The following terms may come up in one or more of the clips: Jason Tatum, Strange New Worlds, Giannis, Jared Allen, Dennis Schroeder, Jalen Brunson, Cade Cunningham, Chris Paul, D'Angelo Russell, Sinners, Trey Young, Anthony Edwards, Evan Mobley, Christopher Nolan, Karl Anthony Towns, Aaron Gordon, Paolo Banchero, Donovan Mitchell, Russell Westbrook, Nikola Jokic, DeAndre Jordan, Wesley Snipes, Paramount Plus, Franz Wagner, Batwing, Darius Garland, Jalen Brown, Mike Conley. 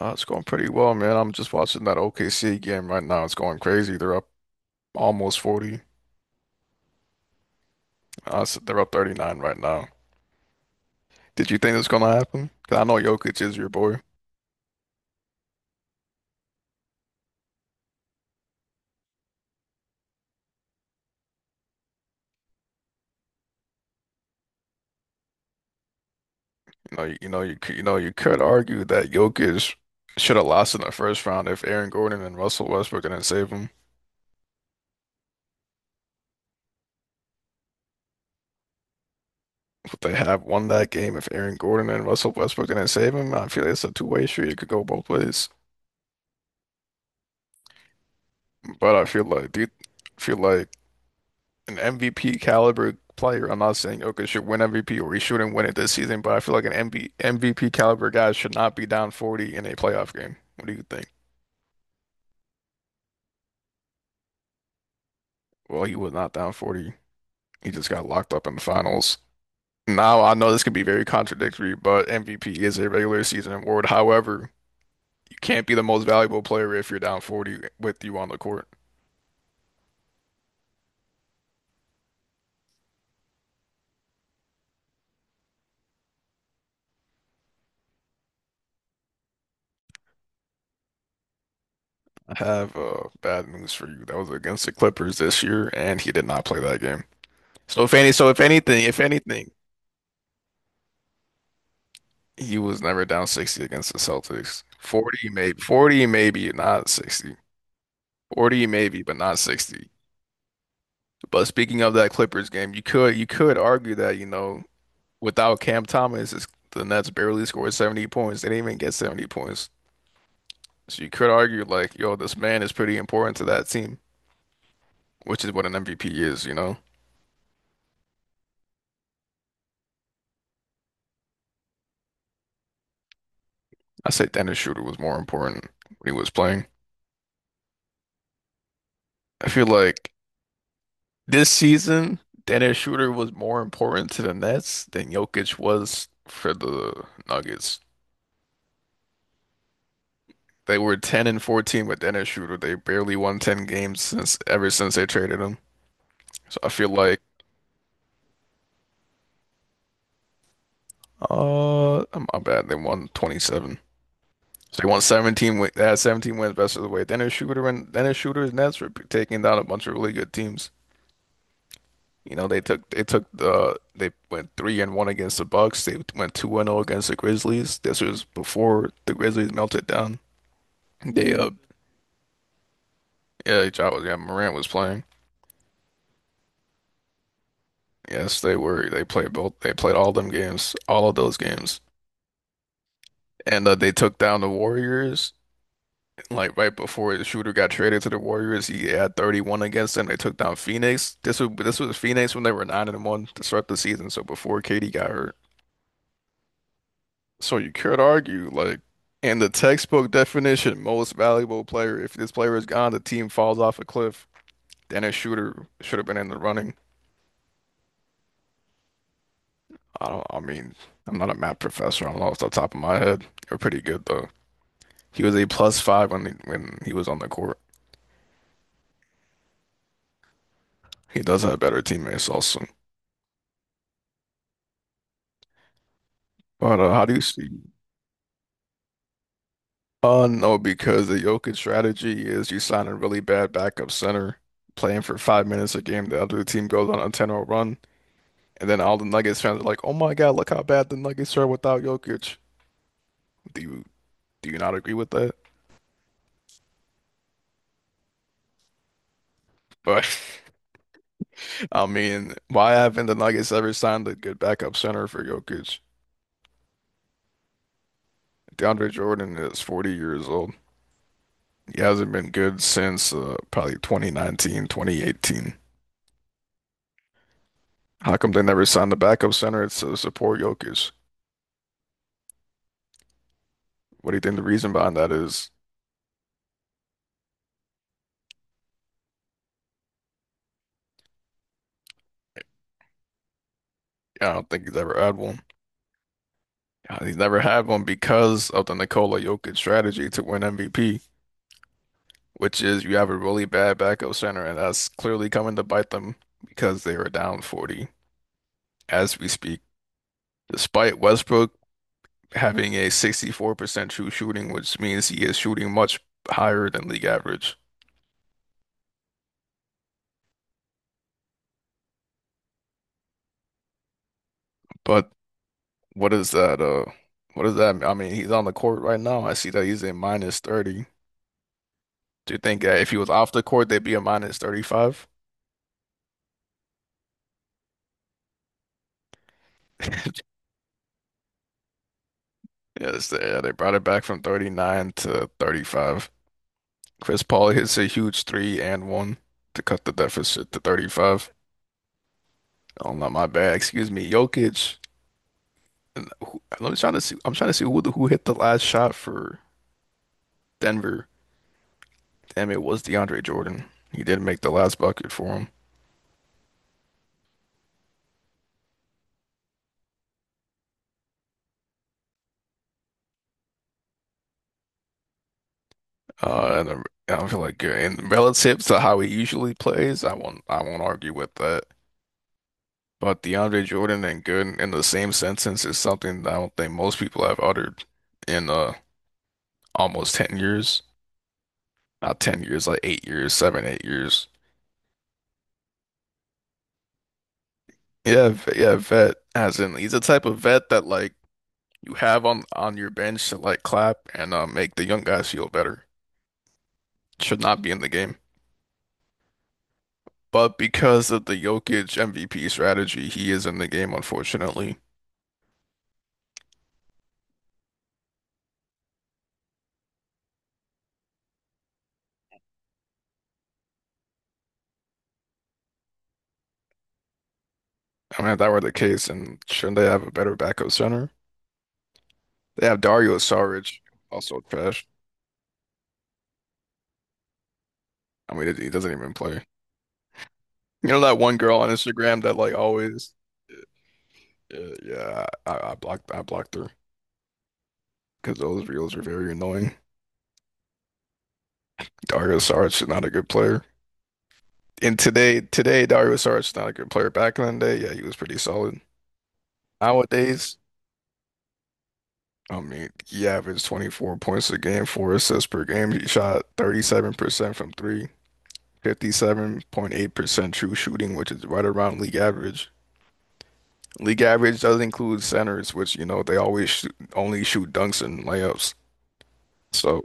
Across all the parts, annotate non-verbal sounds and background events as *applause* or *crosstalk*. It's going pretty well, man. I'm just watching that OKC game right now. It's going crazy. They're up almost 40. They're up 39 right now. Did you think this gonna happen? 'Cause I know Jokic is your boy. You know, you could argue that Jokic should have lost in the first round if Aaron Gordon and Russell Westbrook didn't save him. Would they have won that game if Aaron Gordon and Russell Westbrook didn't save him? I feel like it's a two-way street. It could go both ways. But I feel like, dude, I feel like. An MVP caliber player. I'm not saying Jokic should win MVP or he shouldn't win it this season, but I feel like an MB MVP caliber guy should not be down 40 in a playoff game. What do you think? Well, he was not down 40. He just got locked up in the finals. Now, I know this could be very contradictory, but MVP is a regular season award. However, you can't be the most valuable player if you're down 40 with you on the court. I have bad news for you. That was against the Clippers this year, and he did not play that game. So if anything, he was never down 60 against the Celtics. 40 maybe, 40 maybe, not 60. 40 maybe, but not 60. But speaking of that Clippers game, you could argue that, without Cam Thomas, it's, the Nets barely scored 70 points. They didn't even get 70 points. So you could argue like, yo, this man is pretty important to that team, which is what an MVP is. I say Dennis Schroeder was more important when he was playing. I feel like this season, Dennis Schroeder was more important to the Nets than Jokic was for the Nuggets. They were 10-14 with Dennis Schroeder. They barely won 10 games since ever since they traded him. So I feel like uh my bad. They won 27. So they won 17 wins. They had 17 wins best of the way. Dennis Schroeder and Dennis Schroeder's Nets were taking down a bunch of really good teams. You know, they took the they went 3-1 against the Bucks. They went 2-0 against the Grizzlies. This was before the Grizzlies melted down. They Yeah, Morant was playing. Yes, they were. They played both. They played all of those games, and they took down the Warriors. Like right before the shooter got traded to the Warriors, he had 31 against them. They took down Phoenix. This was Phoenix when they were 9-1 to start the season. So before KD got hurt. So you could argue, like, in the textbook definition, most valuable player, if this player is gone, the team falls off a cliff, then a shooter should have been in the running. I mean, I'm not a math professor. I don't know off the top of my head. They're pretty good though. He was a plus five when when he was on the court. He does have better teammates also. But how do you see? No, because the Jokic strategy is you sign a really bad backup center, playing for 5 minutes a game. The other team goes on a 10-0 run. And then all the Nuggets fans are like, "Oh my God, look how bad the Nuggets are without Jokic." Do you do you not agree with that? But *laughs* I mean, why haven't the Nuggets ever signed a good backup center for Jokic? DeAndre Jordan is 40 years old. He hasn't been good since probably 2019, 2018. How come they never signed the backup center to support Jokic? What do you think the reason behind that is? I don't think he's ever had one. He's never had one because of the Nikola Jokic strategy to win MVP, which is you have a really bad backup center, and that's clearly coming to bite them because they are down 40 as we speak. Despite Westbrook having a 64% true shooting, which means he is shooting much higher than league average. But what is that? What does that mean? I mean, he's on the court right now. I see that he's in minus 30. Do you think that if he was off the court, they'd be a minus 35? *laughs* Yes, they brought it back from 39 to 35. Chris Paul hits a huge three and one to cut the deficit to 35. Oh, not my bad. Excuse me, Jokic. Let me trying to see. I'm trying to see who hit the last shot for Denver. Damn, it was DeAndre Jordan. He did make the last bucket for him. And I feel like in relative to how he usually plays, I won't argue with that. But DeAndre Jordan and Gooden in the same sentence is something that I don't think most people have uttered in almost 10 years. Not 10 years, like 8 years, seven, 8 years. Yeah, vet. As in, he's the type of vet that like you have on your bench to like clap and make the young guys feel better. Should not be in the game, but because of the Jokic MVP strategy, he is in the game, unfortunately. I mean, if that were the case, and shouldn't they have a better backup center? They have Dario Saric, also trash. I mean, he doesn't even play. You know that one girl on Instagram that like always, yeah, yeah, I blocked her. Because those reels are very annoying. Dario Saric is not a good player. And today, Dario Saric is not a good player. Back in the day, yeah, he was pretty solid. Nowadays, I mean, he averaged 24 points a game, four assists per game. He shot 37% from three, 57.8% true shooting, which is right around league average. League average does include centers, which, you know, they only shoot dunks and layups. So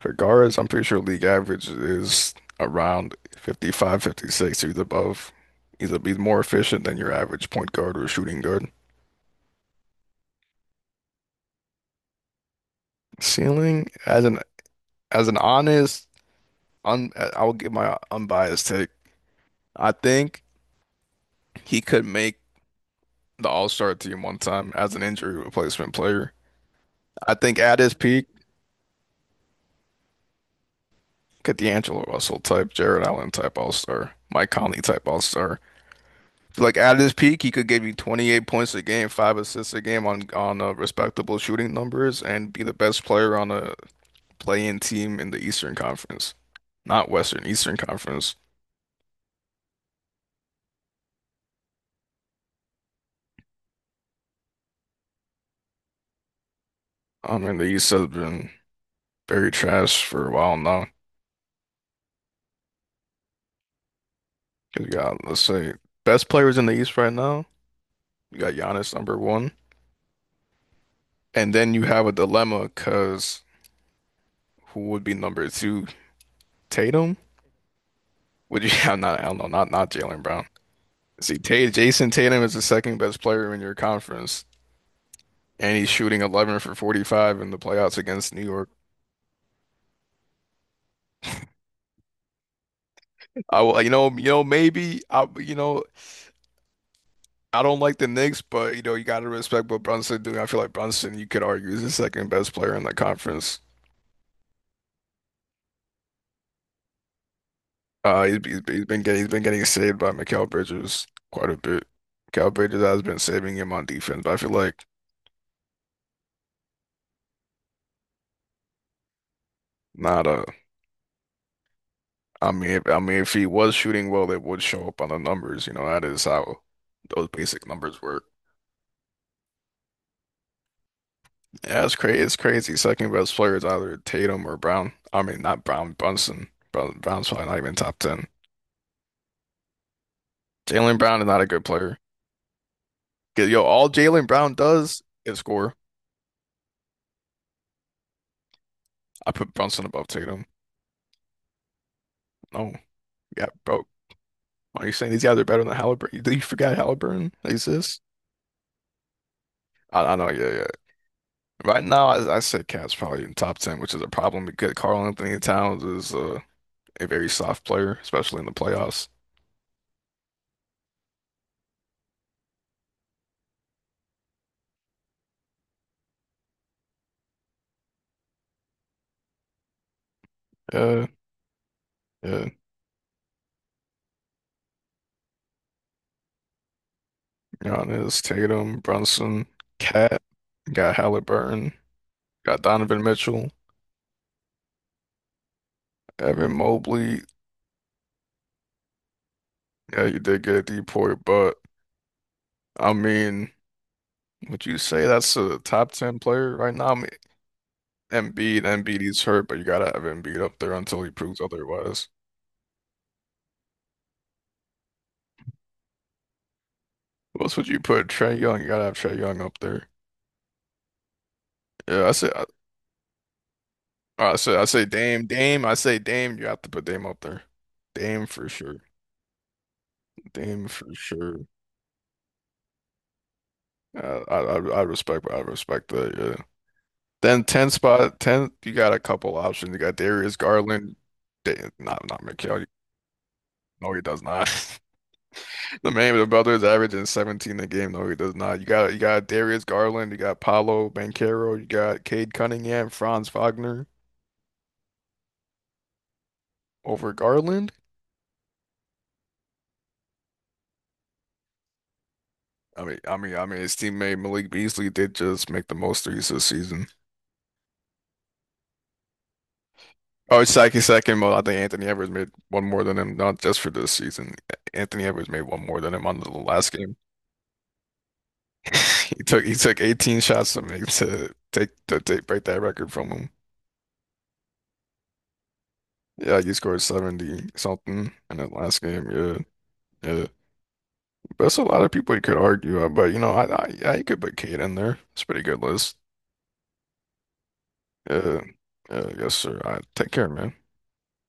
for guards, I'm pretty sure league average is around 55, 56. He's above, either be more efficient than your average point guard or shooting guard. Ceiling, as an honest, I will give my unbiased take. I think he could make the All-Star team one time as an injury replacement player. I think at his peak, could D'Angelo Russell type, Jared Allen type All-Star, Mike Conley type All-Star. Like at his peak, he could give you 28 points a game, five assists a game on respectable shooting numbers, and be the best player on a play-in team in the Eastern Conference, not Western, Eastern Conference. I mean, the East has been very trash for a while now. 'Cause you got, let's say, best players in the East right now. You got Giannis number one, and then you have a dilemma because who would be number two? Tatum? Would you *laughs* have not? I don't know. Not Jalen Brown. See, Tay Jason Tatum is the second best player in your conference, and he's shooting 11 for 45 in the playoffs against New York. I will, you know, Maybe I don't like the Knicks, but you got to respect what Brunson doing. I feel like Brunson, you could argue, is the second best player in the conference. He's been getting saved by Mikal Bridges quite a bit. Mikal Bridges has been saving him on defense, but I feel like not a. I mean, if he was shooting well, it would show up on the numbers. You know, that is how those basic numbers work. Yeah, it's crazy. It's crazy. Second best player is either Tatum or Brown. I mean, not Brown, Brunson. Brown, Brown's probably not even top 10. Jalen Brown is not a good player. 'Cause, yo, all Jalen Brown does is score. I put Brunson above Tatum. No, yeah, bro. Why are you saying these guys are better than Halliburton? Do you forget Halliburton exists? I know, yeah, yeah. Right now, I say Cat's probably in top 10, which is a problem because Karl Anthony Towns is a very soft player, especially in the playoffs. Yeah, yeah. Giannis, Tatum, Brunson, Cat. Got Halliburton, got Donovan Mitchell, Evan Mobley. Yeah, you did get Depoy, but I mean, would you say that's a top 10 player right now? I mean, Embiid is hurt, but you gotta have Embiid up there until he proves otherwise. What else would you put? Trey Young, you gotta have Trey Young up there. Yeah, I say Dame, you have to put Dame up there. Dame for sure. Dame for sure. I respect that. Yeah. Then 10 spot 10, you got a couple options. You got Darius Garland, not Mikal. No, he does not. *laughs* The man with the brothers averaging 17 a game. No, he does not. You got Darius Garland, you got Paolo Banchero, you got Cade Cunningham, Franz Wagner over Garland. I mean, his teammate Malik Beasley did just make the most threes this season. Oh, it's Saki second, but I think Anthony Edwards made one more than him, not just for this season. Anthony Edwards made one more than him on the last game. He took 18 shots to make to take break that record from him. Yeah, he scored 70 something in the last game. Yeah, yeah. But that's a lot of people you could argue. But you could put Cade in there. It's a pretty good list. Yeah, yeah, yes, sir. I take care, man.